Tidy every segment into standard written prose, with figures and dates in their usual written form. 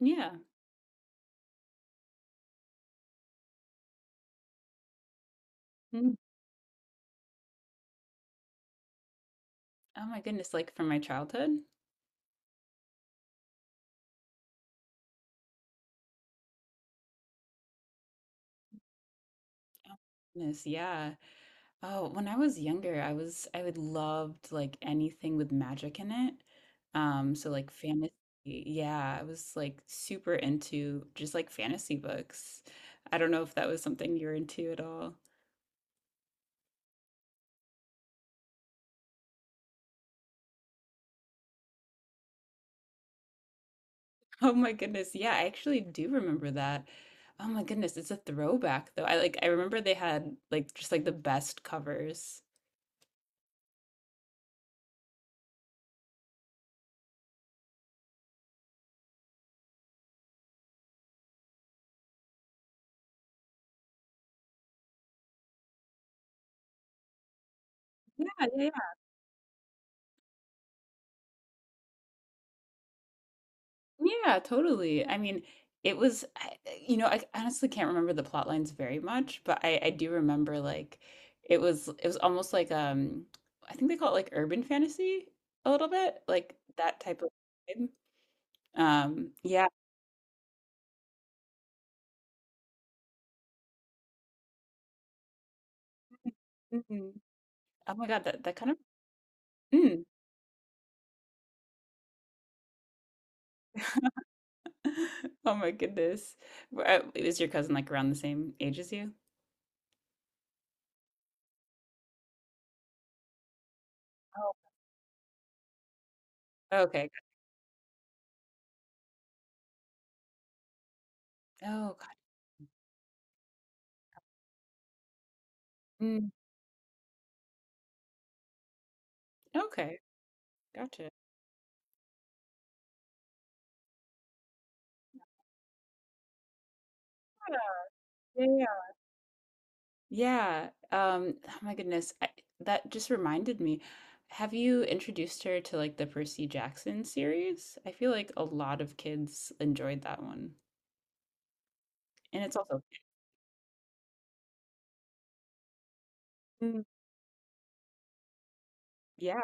Yeah. Mm. Oh my goodness, like from my childhood? Goodness, yeah. Oh, when I was younger, I would loved like anything with magic in it. So like fantasy, yeah, I was like super into just like fantasy books. I don't know if that was something you're into at all. Oh my goodness, yeah, I actually do remember that. Oh my goodness, it's a throwback though. I remember they had like just like the best covers. Yeah, yeah, yeah, totally. I mean, it was, I, you know, I honestly can't remember the plot lines very much, but I do remember like it was almost like I think they call it like urban fantasy a little bit, like that type of vibe. Yeah. Hmm. Oh my God, that kind of mm. Oh my goodness. Is your cousin like around the same age as you? Oh, okay. Oh God. Mm. Okay. Gotcha. Yeah. Yeah. Oh my goodness. That just reminded me. Have you introduced her to like the Percy Jackson series? I feel like a lot of kids enjoyed that one. And it's also, mm, yeah.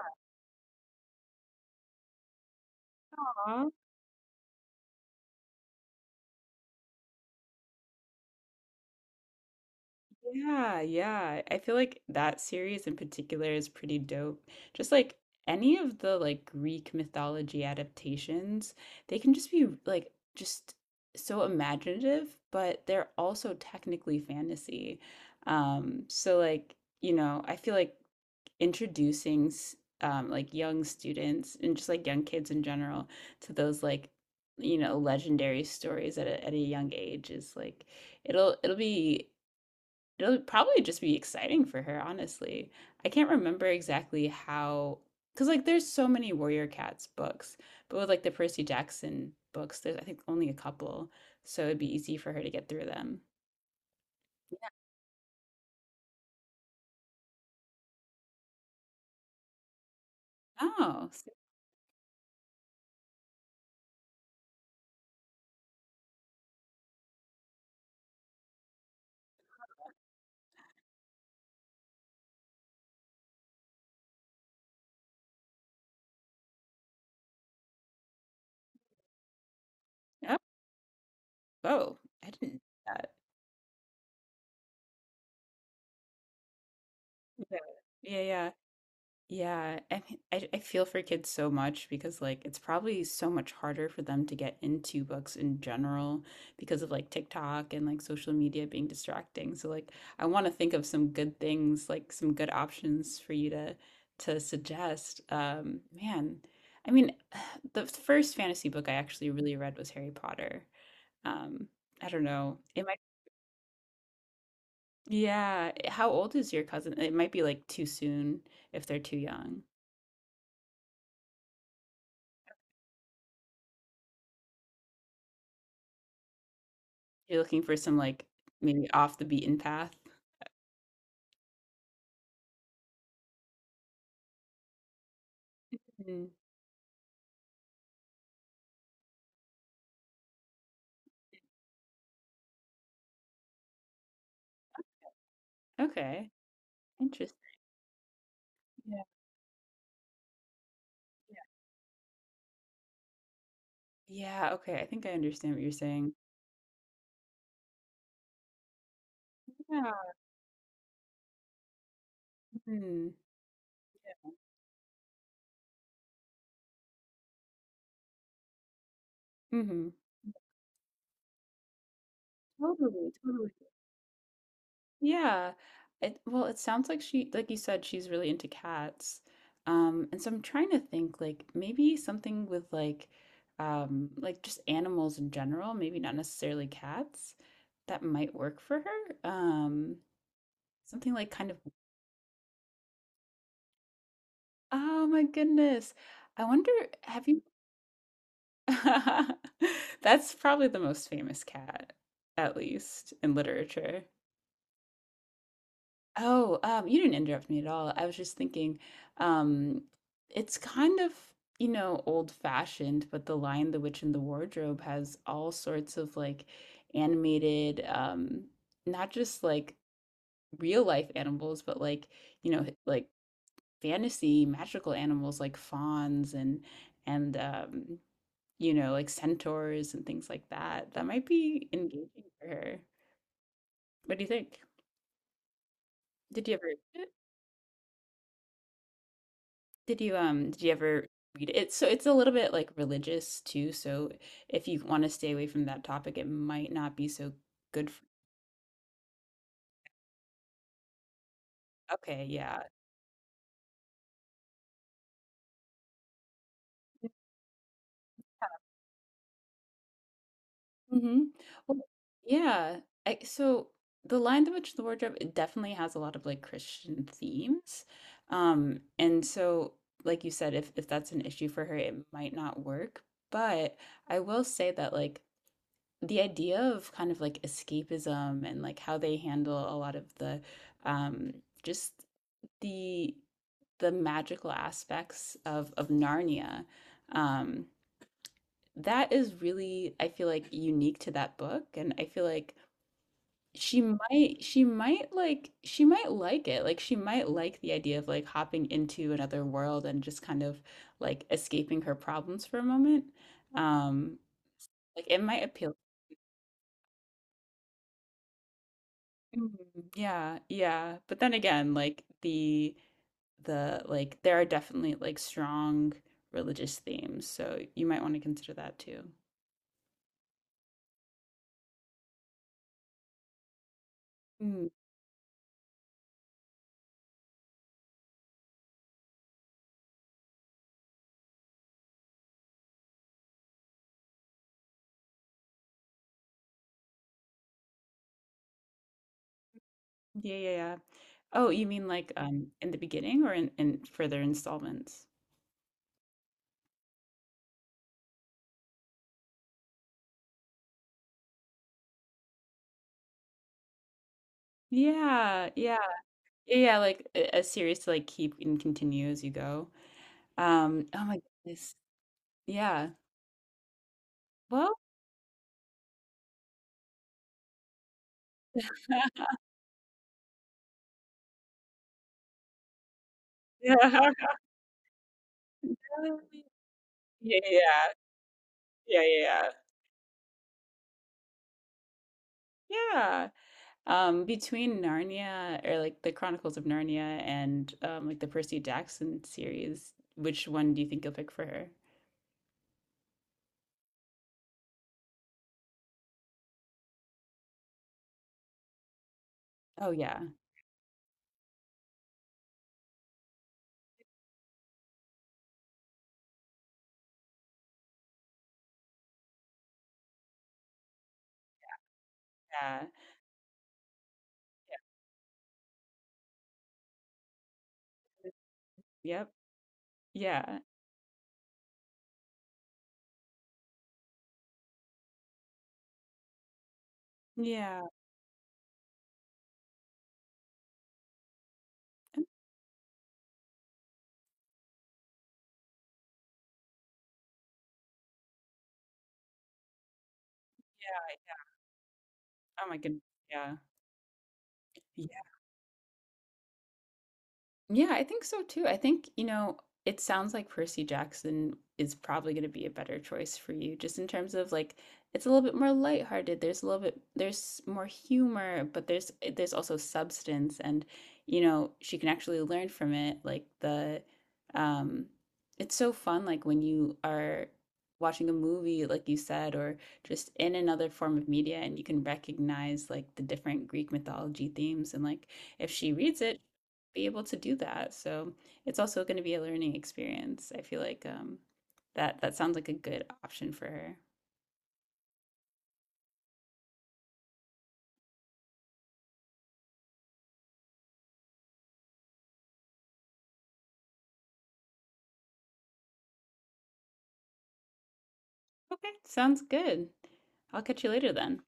Yeah, yeah. I feel like that series in particular is pretty dope. Just like any of the like Greek mythology adaptations, they can just be like just so imaginative, but they're also technically fantasy. So like, you know, I feel like introducing like young students and just like young kids in general to those like you know legendary stories at a young age is like it'll it'll be It'll probably just be exciting for her, honestly. I can't remember exactly how, because like there's so many Warrior Cats books, but with like the Percy Jackson books, there's I think only a couple, so it'd be easy for her to get through them. Oh, so- oh, oh, I didn't know that. Yeah, yeah, yeah. Yeah, I mean, I feel for kids so much because like it's probably so much harder for them to get into books in general because of like TikTok and like social media being distracting. So like I want to think of some good things, like some good options for you to suggest. I mean, the first fantasy book I actually really read was Harry Potter. Um, I don't know. It might, yeah. How old is your cousin? It might be like too soon if they're too young. You're looking for some, like, maybe off the beaten path? Mhm. Okay. Interesting. Yeah, yeah. Yeah, okay, I think I understand what you're saying. Yeah. Mhm. Mhm. Totally, totally. Yeah. It well, it sounds like she like you said, she's really into cats. And so I'm trying to think, like, maybe something with, like, just animals in general, maybe not necessarily cats, that might work for her? Something, like, kind of oh my goodness. I wonder, have you? That's probably the most famous cat, at least in literature. Oh, you didn't interrupt me at all. I was just thinking, um, it's kind of, you know, old-fashioned, but The Lion, the Witch, and the Wardrobe has all sorts of like animated, not just like real life animals, but like, you know, like fantasy magical animals like fawns and and you know, like centaurs and things like that. That might be engaging for her. What do you think? Did you ever did you ever read it? It's so it's a little bit like religious too, so if you want to stay away from that topic, it might not be so good for okay, yeah. Mhm. Well, yeah. So the Lion, the Witch, and the Wardrobe, it definitely has a lot of like Christian themes. And so like you said, if that's an issue for her, it might not work. But I will say that like the idea of kind of like escapism and like how they handle a lot of the um just the the magical aspects of Narnia. Um, that is really, I feel like, unique to that book. And I feel like she might like it. Like, she might like the idea of like hopping into another world and just kind of like escaping her problems for a moment. Um, like it might appeal. Mm, yeah, yeah. But then again, like the there are definitely like strong religious themes, so you might want to consider that too. Mm, yeah, yeah, yeah. Oh, you mean like in the beginning or in further installments? Yeah, yeah. Yeah, like a series to like keep and continue as you go. Oh my goodness. Yeah. Well, yeah. Yeah, yeah, yeah, yeah. Yeah. Between Narnia or like the Chronicles of Narnia and like the Percy Jackson series, which one do you think you'll pick for her? Oh yeah. Yeah. Yep. Yeah. Yeah. Yeah. Oh my goodness. Yeah. Yeah, I think so too. I think, you know, it sounds like Percy Jackson is probably going to be a better choice for you, just in terms of like it's a little bit more lighthearted. There's a little bit there's more humor, but there's there's also substance and you know, she can actually learn from it. Like the um it's so fun like when you are watching a movie like you said or just in another form of media and you can recognize like the different Greek mythology themes and like if she reads it, be able to do that. So it's also going to be a learning experience. I feel like that that sounds like a good option for her. Okay, sounds good. I'll catch you later then.